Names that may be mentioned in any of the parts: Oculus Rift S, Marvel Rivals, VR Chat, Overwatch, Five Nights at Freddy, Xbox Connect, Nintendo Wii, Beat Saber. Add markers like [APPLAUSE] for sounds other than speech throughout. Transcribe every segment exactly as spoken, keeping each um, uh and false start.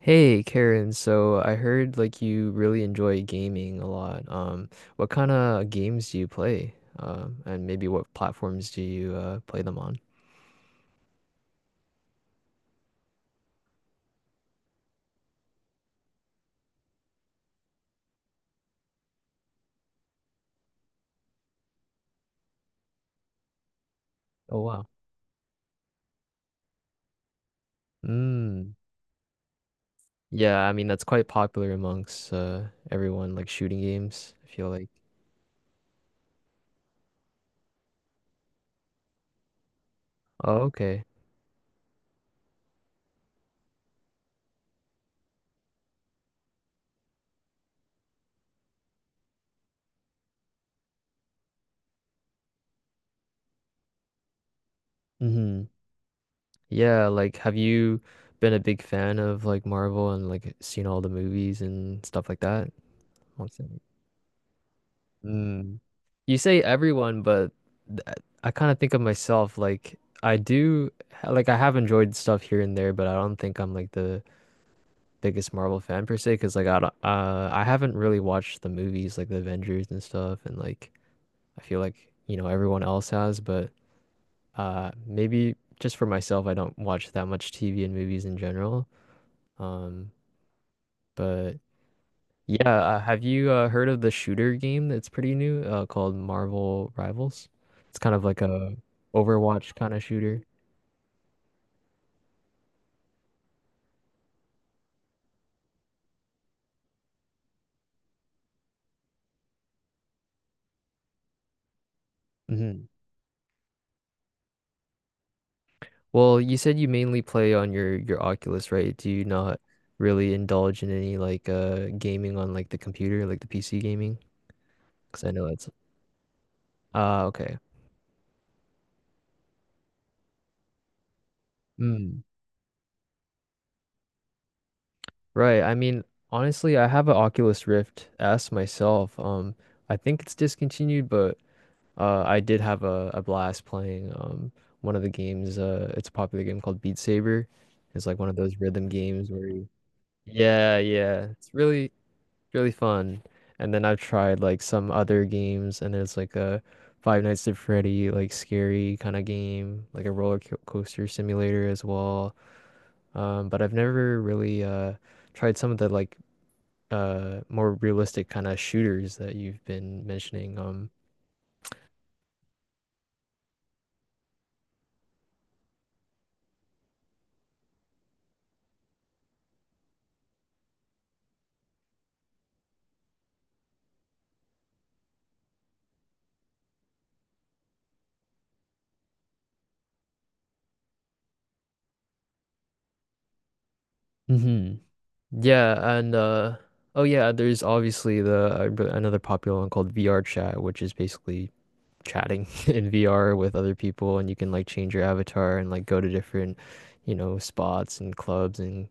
Hey Karen, so I heard like you really enjoy gaming a lot. Um, what kind of games do you play? Um, and maybe what platforms do you uh, play them on? Oh wow. Mm. Yeah, I mean that's quite popular amongst uh everyone like shooting games, I feel like. Oh, okay. Hmm. Yeah, like have you been a big fan of like Marvel and like seen all the movies and stuff like that? What's that? Mm. You say everyone, but th- I kind of think of myself like I do ha- like I have enjoyed stuff here and there, but I don't think I'm like the biggest Marvel fan per se, because like I don't, uh I haven't really watched the movies like the Avengers and stuff, and like I feel like, you know, everyone else has, but uh maybe just for myself, I don't watch that much T V and movies in general. Um, but yeah, uh, have you uh, heard of the shooter game that's pretty new, uh, called Marvel Rivals? It's kind of like a Overwatch kind of shooter. Hmm. Well, you said you mainly play on your your Oculus, right? Do you not really indulge in any like uh gaming on like the computer, like the P C gaming? Because I know that's uh okay. Right. I mean, honestly, I have an Oculus Rift S myself. Um, I think it's discontinued, but uh, I did have a, a blast playing um one of the games. Uh, it's a popular game called Beat Saber. It's like one of those rhythm games where you, yeah, yeah, it's really really fun. And then I've tried like some other games, and there's like a Five Nights at Freddy like scary kind of game, like a roller co- coaster simulator as well. Um, but I've never really uh tried some of the like uh more realistic kind of shooters that you've been mentioning. Um, hmm. Yeah, and uh oh yeah, there's obviously the uh, b- another popular one called V R chat, which is basically chatting [LAUGHS] in V R with other people, and you can like change your avatar and like go to different, you know, spots and clubs and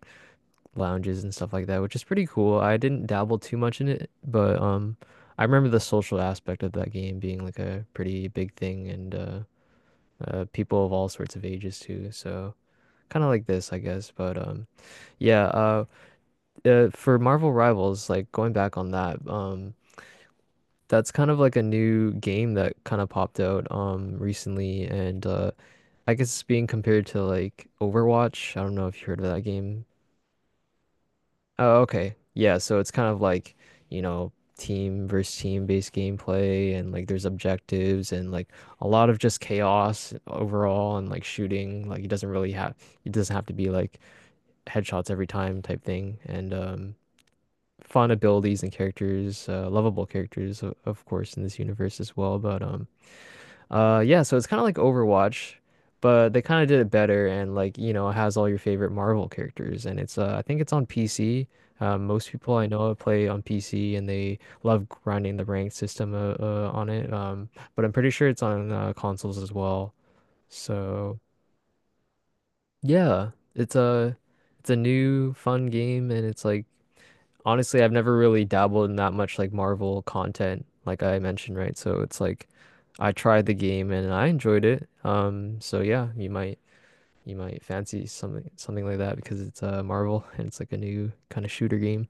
lounges and stuff like that, which is pretty cool. I didn't dabble too much in it, but um. I remember the social aspect of that game being like a pretty big thing, and uh, uh, people of all sorts of ages too. So kind of like this, I guess. But um, yeah. Uh, uh, for Marvel Rivals, like going back on that, um, that's kind of like a new game that kind of popped out um recently, and uh, I guess it's being compared to like Overwatch. I don't know if you heard of that game. Oh, okay. Yeah, so it's kind of like, you know, team versus team based gameplay, and like there's objectives, and like a lot of just chaos overall and like shooting. Like it doesn't really have it doesn't have to be like headshots every time type thing, and um fun abilities and characters, uh, lovable characters o- of course in this universe as well, but um uh yeah, so it's kind of like Overwatch, but they kind of did it better, and like, you know, it has all your favorite Marvel characters, and it's uh I think it's on P C. Um, most people I know play on P C and they love grinding the ranked system, uh, uh, on it. Um, but I'm pretty sure it's on uh, consoles as well. So, yeah, it's a it's a new fun game, and it's like honestly, I've never really dabbled in that much like Marvel content, like I mentioned, right? So it's like I tried the game and I enjoyed it. Um, so yeah, you might you might fancy something something like that because it's uh Marvel [LAUGHS] and it's like a new kind of shooter game.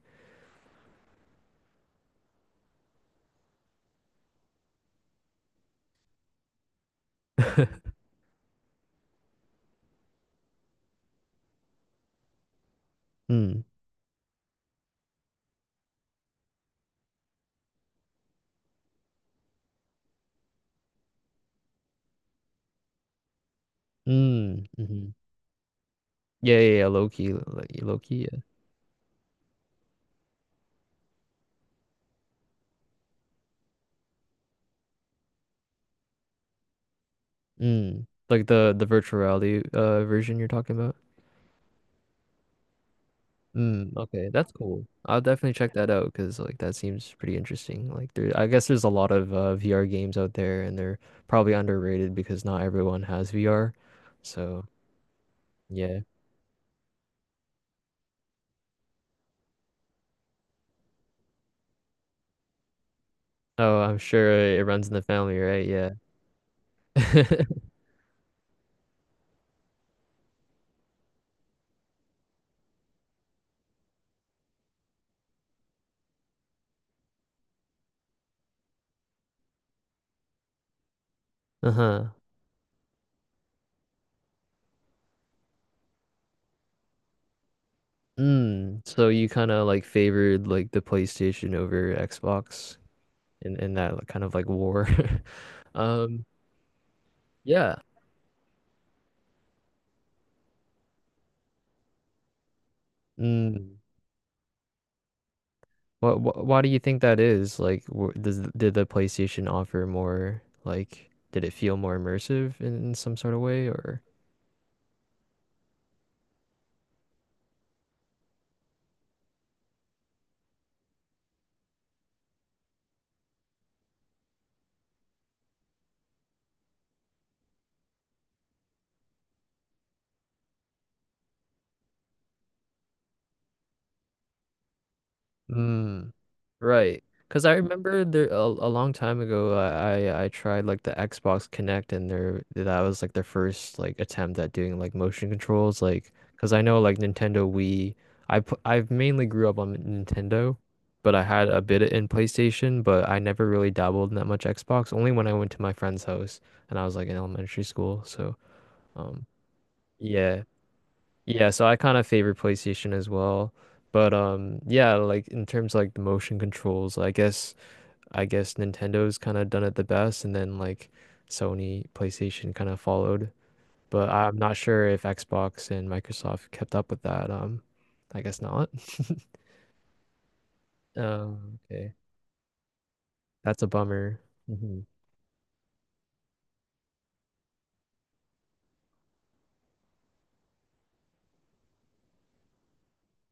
[LAUGHS] Mm. Mm. Hmm. Mm-hmm. Yeah, yeah, yeah, Loki, Loki, Loki, yeah. Mm. Like the the virtual reality uh version you're talking about. Mm, okay, that's cool. I'll definitely check that out because like that seems pretty interesting. Like there, I guess there's a lot of uh, V R games out there, and they're probably underrated because not everyone has V R. So yeah. Oh, I'm sure it runs in the family, right? Yeah. [LAUGHS] Uh-huh. Mm, so you kind of like favored like the PlayStation over Xbox in in that, like, kind of like war. [LAUGHS] Um, yeah. Mm. What, wh Why do you think that is? Like, wh does did the PlayStation offer more? Like, did it feel more immersive in, in some sort of way, or? Right. Because I remember there a, a long time ago, I, I I tried like the Xbox Connect, and there that was like their first like attempt at doing like motion controls, like because I know like Nintendo Wii, I pu- i mainly grew up on Nintendo, but I had a bit in PlayStation, but I never really dabbled in that much Xbox. Only when I went to my friend's house, and I was like in elementary school. So um yeah, yeah, so I kind of favor PlayStation as well. But um yeah, like in terms of like the motion controls, I guess. I guess Nintendo's kind of done it the best, and then like Sony, PlayStation kind of followed. But I'm not sure if Xbox and Microsoft kept up with that. Um, I guess not. [LAUGHS] Um, okay, that's a bummer. Hmm.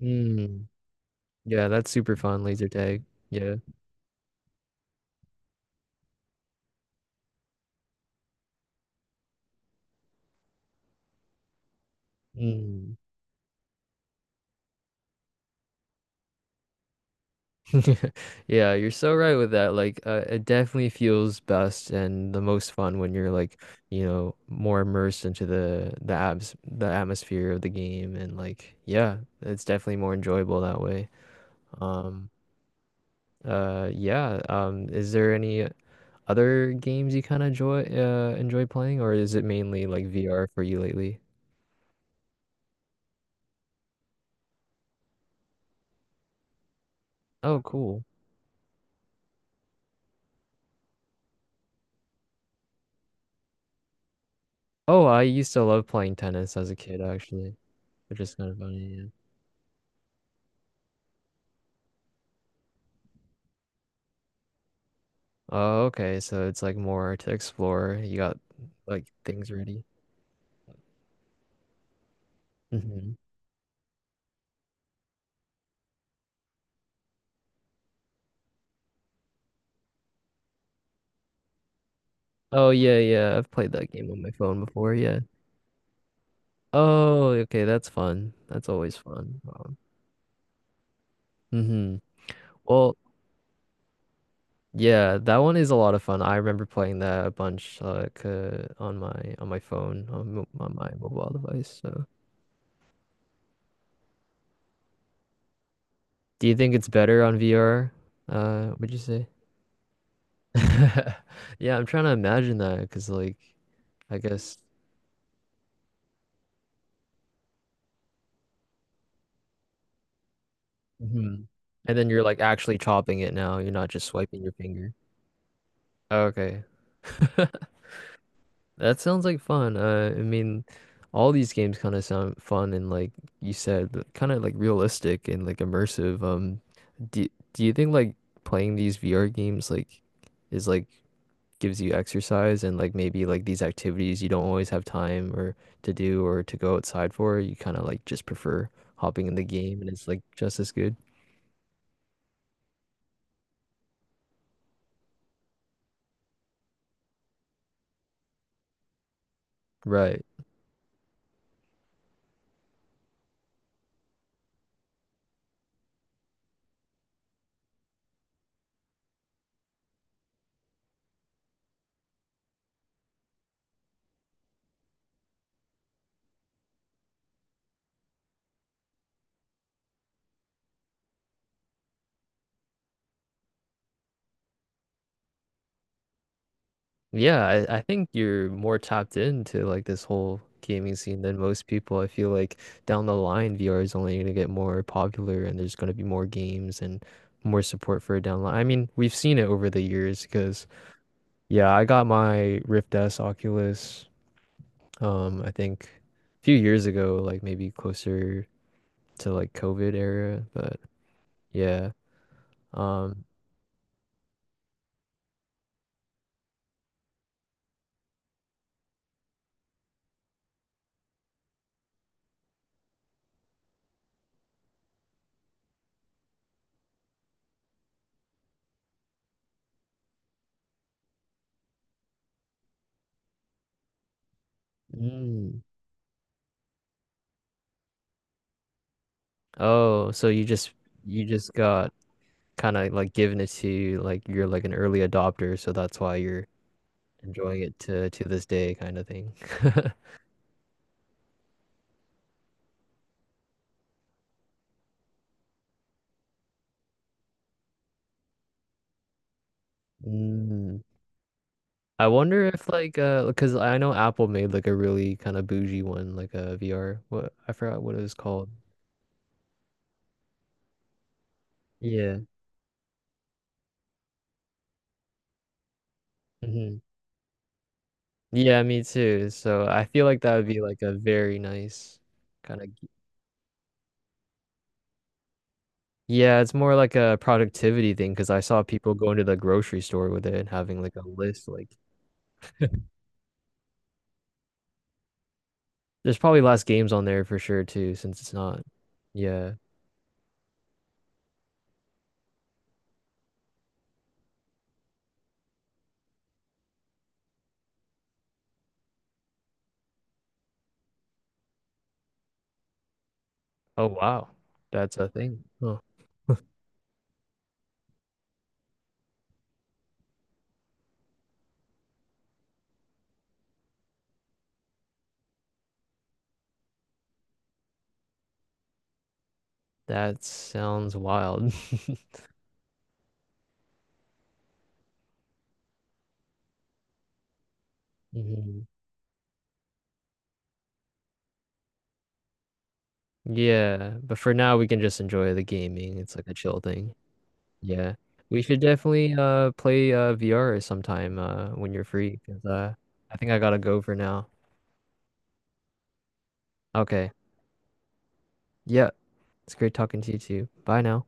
Mm. Yeah, that's super fun, laser tag. Yeah. Mm. [LAUGHS] Yeah, you're so right with that. Like, uh, it definitely feels best and the most fun when you're like, you know, more immersed into the the abs the atmosphere of the game, and like, yeah, it's definitely more enjoyable that way. Um, uh, yeah. Um, is there any other games you kind of enjoy uh enjoy playing, or is it mainly like V R for you lately? Oh, cool. Oh, I used to love playing tennis as a kid, actually, which is kind of funny. Yeah. Oh, okay. So it's like more to explore. You got like things ready. Hmm. Oh yeah, yeah. I've played that game on my phone before. Yeah. Oh, okay. That's fun. That's always fun. Um, hmm. Well, yeah, that one is a lot of fun. I remember playing that a bunch like uh, on my on my phone on, mo- on my mobile device. So, do you think it's better on V R? Uh, would you say? [LAUGHS] Yeah, I'm trying to imagine that because like I guess. Hmm. And then you're like actually chopping it now. You're not just swiping your finger. Okay. [LAUGHS] That sounds like fun. Uh, I mean, all these games kind of sound fun, and like you said, kind of like realistic and like immersive. Um, do, do you think like playing these V R games like is like gives you exercise, and like maybe like these activities you don't always have time or to do or to go outside for, you kind of like just prefer hopping in the game and it's like just as good. Right. Yeah, I, I think you're more tapped into like this whole gaming scene than most people. I feel like down the line, V R is only going to get more popular and there's going to be more games and more support for it down the line. I mean, we've seen it over the years because, yeah, I got my Rift S Oculus, um, I think a few years ago, like maybe closer to like COVID era, but yeah. Um, mm. Oh, so you just you just got kind of like given it to you, like you're like an early adopter, so that's why you're enjoying it to to this day kind of thing. [LAUGHS] Mm. I wonder if like uh because I know Apple made like a really kind of bougie one, like a V R. What, I forgot what it was called. Yeah. Hmm. Yeah, me too. So I feel like that would be like a very nice kind of yeah, it's more like a productivity thing because I saw people going to the grocery store with it and having like a list like there's probably last games on there for sure too, since it's not. Yeah. Oh wow. That's a thing. Huh. That sounds wild. [LAUGHS] Mhm. Yeah, but for now we can just enjoy the gaming. It's like a chill thing. Yeah. We should definitely uh play uh V R sometime uh when you're free, 'cause uh I think I gotta go for now. Okay. Yeah. It's great talking to you too. Bye now.